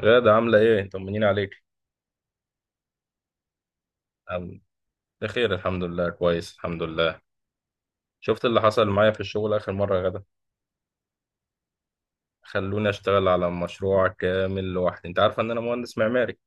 غادة عاملة إيه؟ طمنين عليك. أم- بخير الحمد لله، كويس الحمد لله. شفت اللي حصل معايا في الشغل آخر مرة يا غادة؟ خلوني أشتغل على مشروع كامل لوحدي، أنت عارفة إن أنا مهندس معماري.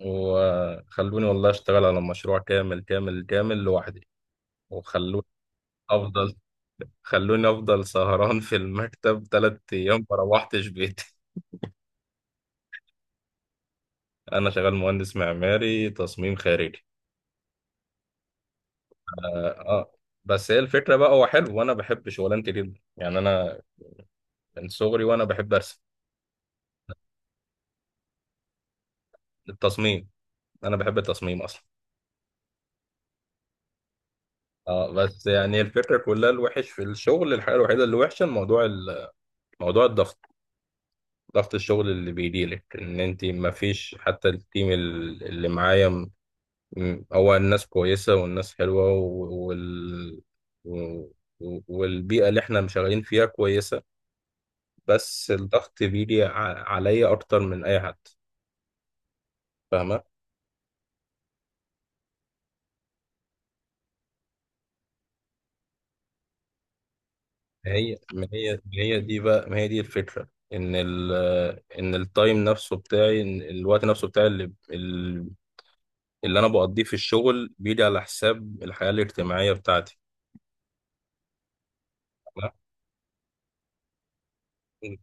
وخلوني والله أشتغل على مشروع كامل كامل كامل لوحدي. وخلوني أفضل خلوني أفضل سهران في المكتب 3 أيام ما روحتش بيتي. أنا شغال مهندس معماري تصميم خارجي. آه آه. بس هي الفكرة بقى، هو حلو وأنا بحب شغلانتي جدا، يعني أنا من صغري وأنا بحب أرسم. التصميم، انا بحب التصميم اصلا. اه بس يعني الفكره كلها، الوحش في الشغل، الحاجه الوحيده اللي وحشه الموضوع، موضوع الضغط، ضغط الشغل اللي بيجيلك ان انت ما فيش، حتى التيم اللي معايا، هو الناس كويسه والناس حلوه و- والبيئه اللي احنا شغالين فيها كويسه. بس الضغط بيجي عليا اكتر من اي حد، فاهمه؟ ما هي دي الفكرة، ان ان التايم نفسه بتاعي، إن الوقت نفسه بتاعي اللي انا بقضيه في الشغل بيجي على حساب الحياة الاجتماعية بتاعتي. لا،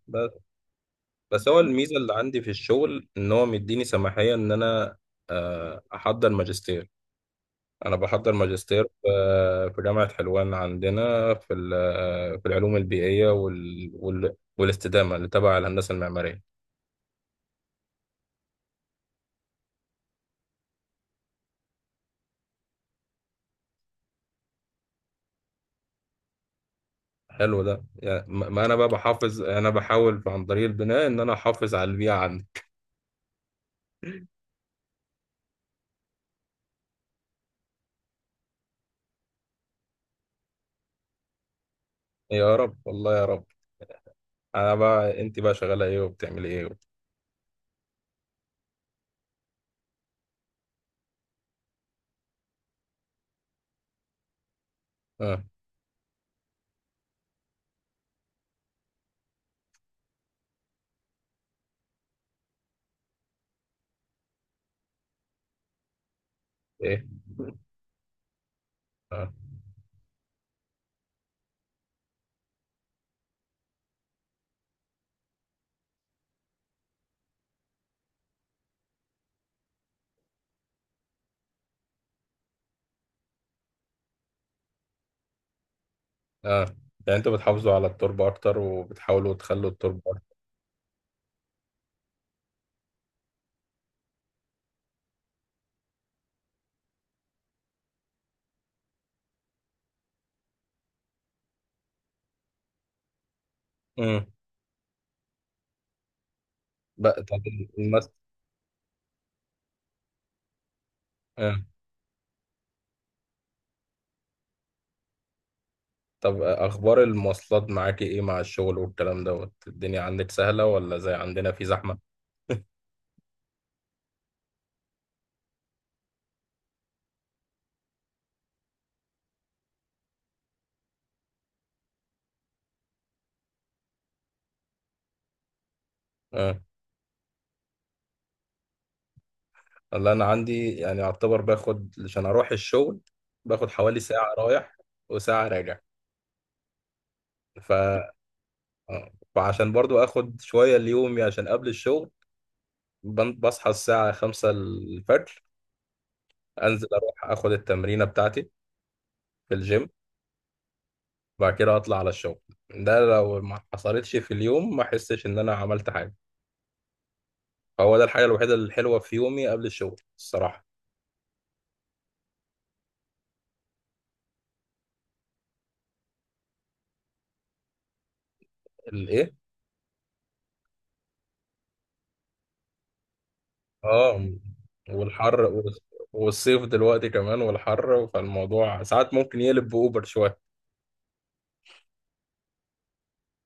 بس، بس هو الميزة اللي عندي في الشغل ان هو مديني سماحية ان انا احضر ماجستير. انا بحضر ماجستير في جامعة حلوان عندنا في ال- آه، في العلوم البيئية والاستدامة اللي تبع الهندسة المعمارية. حلو ده، يعني ما انا بقى بحافظ، انا بحاول عن طريق البناء ان انا احافظ على البيئه عندي. يا رب والله يا رب. انا بقى، انت بقى شغاله ايه وبتعملي ايه و... اه. ايه. اه. اه. يعني انتوا بتحافظوا على التربه اكتر وبتحاولوا تخلوا التربه اكتر. امم. بقى طب. المس... آه. طب اخبار المواصلات معاكي ايه مع الشغل والكلام دوت، الدنيا عندك سهله ولا زي عندنا في زحمه؟ آه. اللي انا عندي يعني اعتبر، باخد عشان اروح الشغل باخد حوالي ساعة رايح وساعة راجع ف... آه. فعشان برضو اخد شوية ليومي عشان قبل الشغل بصحى الساعة 5 الفجر، انزل اروح اخد التمرينة بتاعتي في الجيم، وبعد كده اطلع على الشغل. ده لو ما حصلتش في اليوم ما احسش ان انا عملت حاجة، فهو ده الحاجة الوحيدة الحلوة في يومي قبل الشغل الصراحة. الايه. اه. والحر والص- والصيف دلوقتي كمان والحر، فالموضوع ساعات ممكن يقلب بأوبر شوية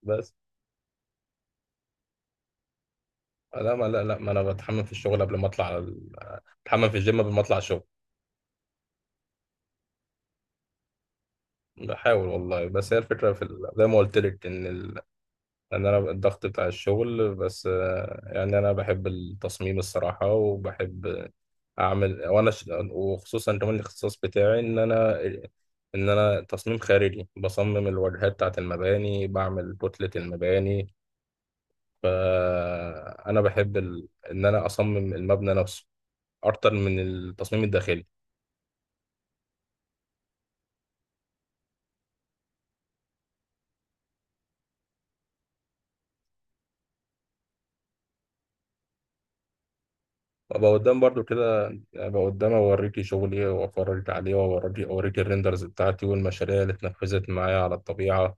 بس. لا، ما لا لا ما انا بتحمم في الشغل قبل ما اطلع على ال... بتحمم في الجيم قبل ما اطلع الشغل. بحاول والله، بس هي الفكرة في ال... زي ما قلت لك ان، لأن أنا الضغط بتاع الشغل بس يعني أنا بحب التصميم الصراحة، وبحب أعمل وأنا ش... وخصوصا كمان الاختصاص بتاعي، إن أنا تصميم خارجي، بصمم الواجهات بتاعت المباني، بعمل كتلة المباني، فأنا بحب ال... إن أنا أصمم المبنى نفسه أكتر من التصميم الداخلي. وأبقى قدام برضو كده، أبقى قدام أوريكي شغلي وأفرجك عليه، وأوريكي الريندرز بتاعتي والمشاريع اللي اتنفذت معايا على الطبيعة.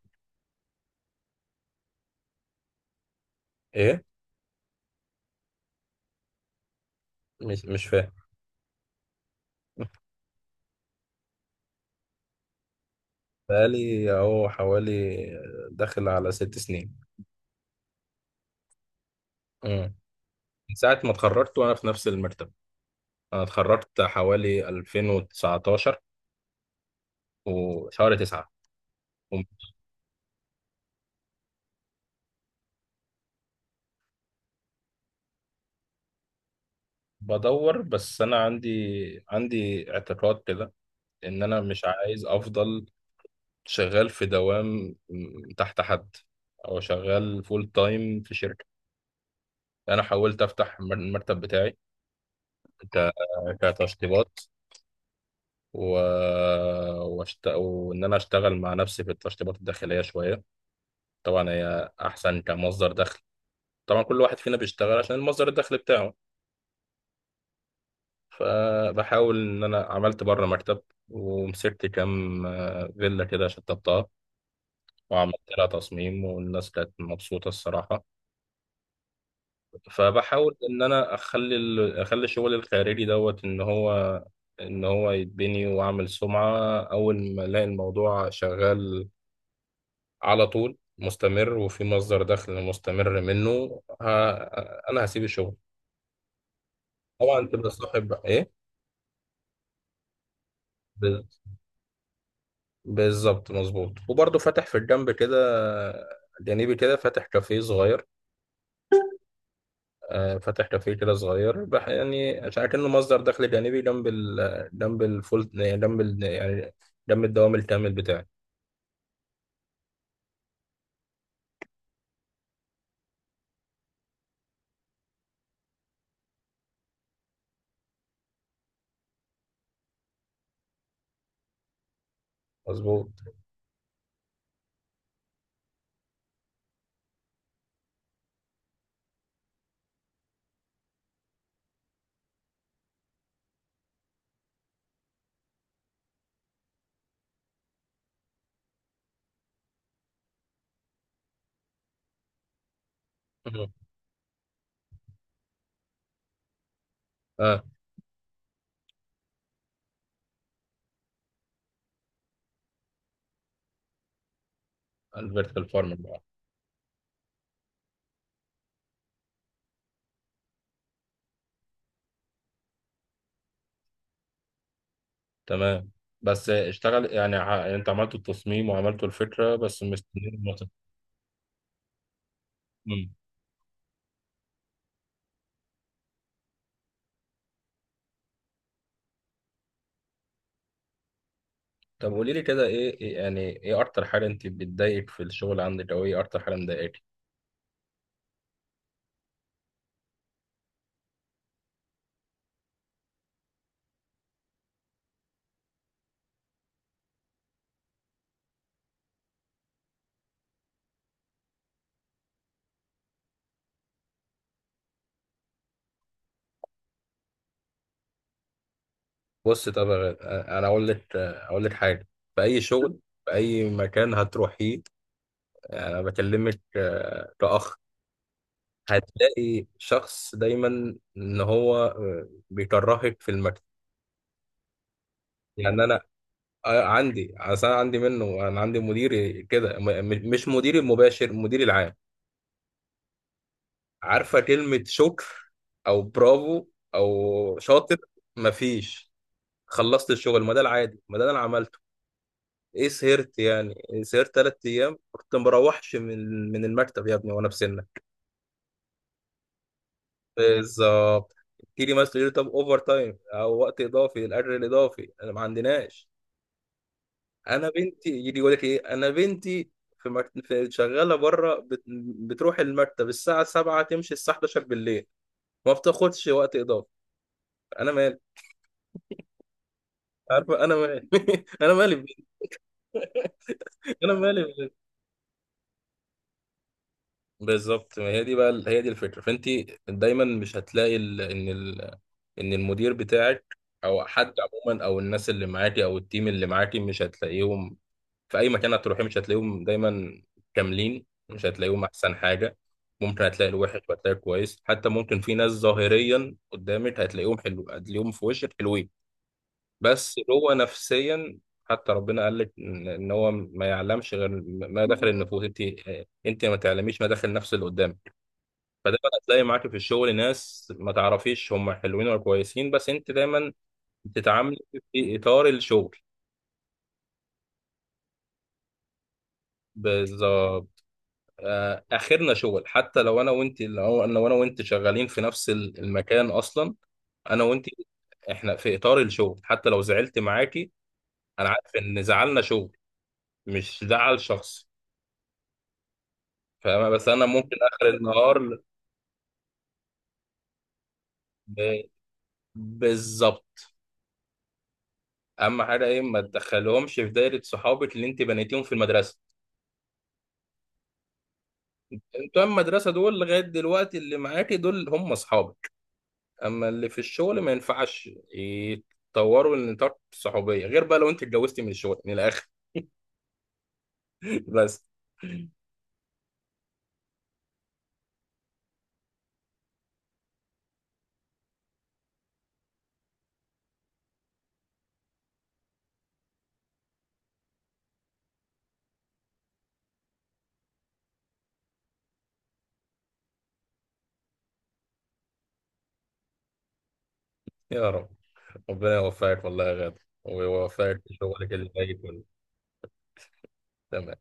إيه؟ مش فاهم. بقالي اهو حوالي، داخل على 6 سنين. امم. من ساعة ما اتخرجت وانا في نفس المرتبة، انا اتخرجت حوالي 2019 وشهر 9. بدور، بس انا عندي، عندي اعتقاد كده ان انا مش عايز افضل شغال في دوام تحت حد، او شغال فول تايم في شركة. انا حاولت افتح المكتب بتاعي ك- كتشطيبات و... وان انا اشتغل مع نفسي في التشطيبات الداخليه شويه. طبعا هي احسن كمصدر دخل، طبعا كل واحد فينا بيشتغل عشان المصدر الدخل بتاعه. فبحاول ان انا عملت بره مكتب، ومسكت كام فيلا كده شطبتها، وعملت لها تصميم والناس كانت مبسوطه الصراحه. فبحاول ان انا اخلي ال... اخلي الشغل الخارجي دوت، ان هو، ان هو يتبني واعمل سمعه، اول ما الاقي الموضوع شغال على طول مستمر وفي مصدر دخل مستمر منه، ها انا هسيب الشغل. طبعا تبقى صاحب بقى ايه. بال- بالظبط مظبوط، وبرضه فاتح في الجنب كده، جانبي كده، فاتح كافيه صغير. فاتح كافيه كده صغير بح يعني، عشان كأنه مصدر دخل جانبي، جنب الفول يعني، جنب ال يعني جنب الدوام الكامل بتاعي. مظبوط. مم. اه. الفيرتيكال فارم بقى. تمام. بس اشتغل يعني يعني انت عملت التصميم وعملت الفكرة بس مستني. مم. طب قولي لي كده، ايه يعني ايه اكتر حاجه انت بتضايقك في الشغل عندك، او ايه اكتر حاجه مضايقاكي؟ بص طب يا انا اقول لك حاجه، في اي شغل، في اي مكان هتروحيه، انا بكلمك كاخ، هتلاقي شخص دايما ان هو بيكرهك في المكتب. يعني انا عندي اصل، انا عندي منه، انا عندي مدير كده مش مديري المباشر، المدير العام. عارفه كلمه شكر، او برافو، او شاطر؟ مفيش. خلصت الشغل، ما ده العادي، ما ده اللي انا عملته. ايه سهرت، يعني سهرت 3 ايام كنت مروحش من المكتب يا ابني، وانا في سنك. بالظبط. تيجي مثلا يقول لي طب اوفر تايم او وقت اضافي، الاجر الاضافي انا ما عندناش، انا بنتي يجي يقول لك ايه، انا بنتي في شغاله بره بتروح المكتب الساعه 7 تمشي الساعه 11 بالليل، ما بتاخدش وقت اضافي، انا مالي، عارفه انا مالي، انا مالي بنتي. انا مالي. بالظبط، ما هي دي بقى، هي دي الفكره، فانت دايما مش هتلاقي ال...، ان ال...، ان المدير بتاعك او حد عموما، او الناس اللي معاكي، او التيم اللي معاكي، مش هتلاقيهم في اي مكان هتروحي، مش هتلاقيهم دايما كاملين، مش هتلاقيهم احسن حاجه. ممكن هتلاقي الوحش وهتلاقي الكويس، حتى ممكن في ناس ظاهريا قدامك هتلاقيهم حلو، هتلاقيهم في وشك حلوين، بس هو نفسيا. حتى ربنا قال لك ان إن هو ما يعلمش غير ما داخل النفوس، انت انت ما تعلميش ما داخل نفس اللي قدامك. فدايما هتلاقي معاك في الشغل ناس ما تعرفيش هم حلوين ولا كويسين، بس انت دايما بتتعاملي في اطار الشغل. بالظبط. اخرنا شغل، حتى لو انا وانت، لو انا وانا وانت شغالين في نفس المكان اصلا، انا وانت احنا في اطار الشغل، حتى لو زعلت معاكي انا عارف ان زعلنا شغل، مش زعل شخص. فاهمة، بس انا ممكن اخر النهار، ب- بالظبط. اهم حاجه ايه، ما تدخلهمش في دايره صحابك اللي انت بنيتيهم في المدرسه، بتوع المدرسة دول لغاية دلوقتي اللي معاكي دول هم أصحابك. أما اللي في الشغل ما ينفعش يتطوروا لنطاق الصحوبية، غير بقى لو أنت اتجوزتي من الشغل من الآخر. بس. يا رب، ربنا يوفقك والله يا غادة، ويوفقك في شغلك اللي جاي كله. تمام.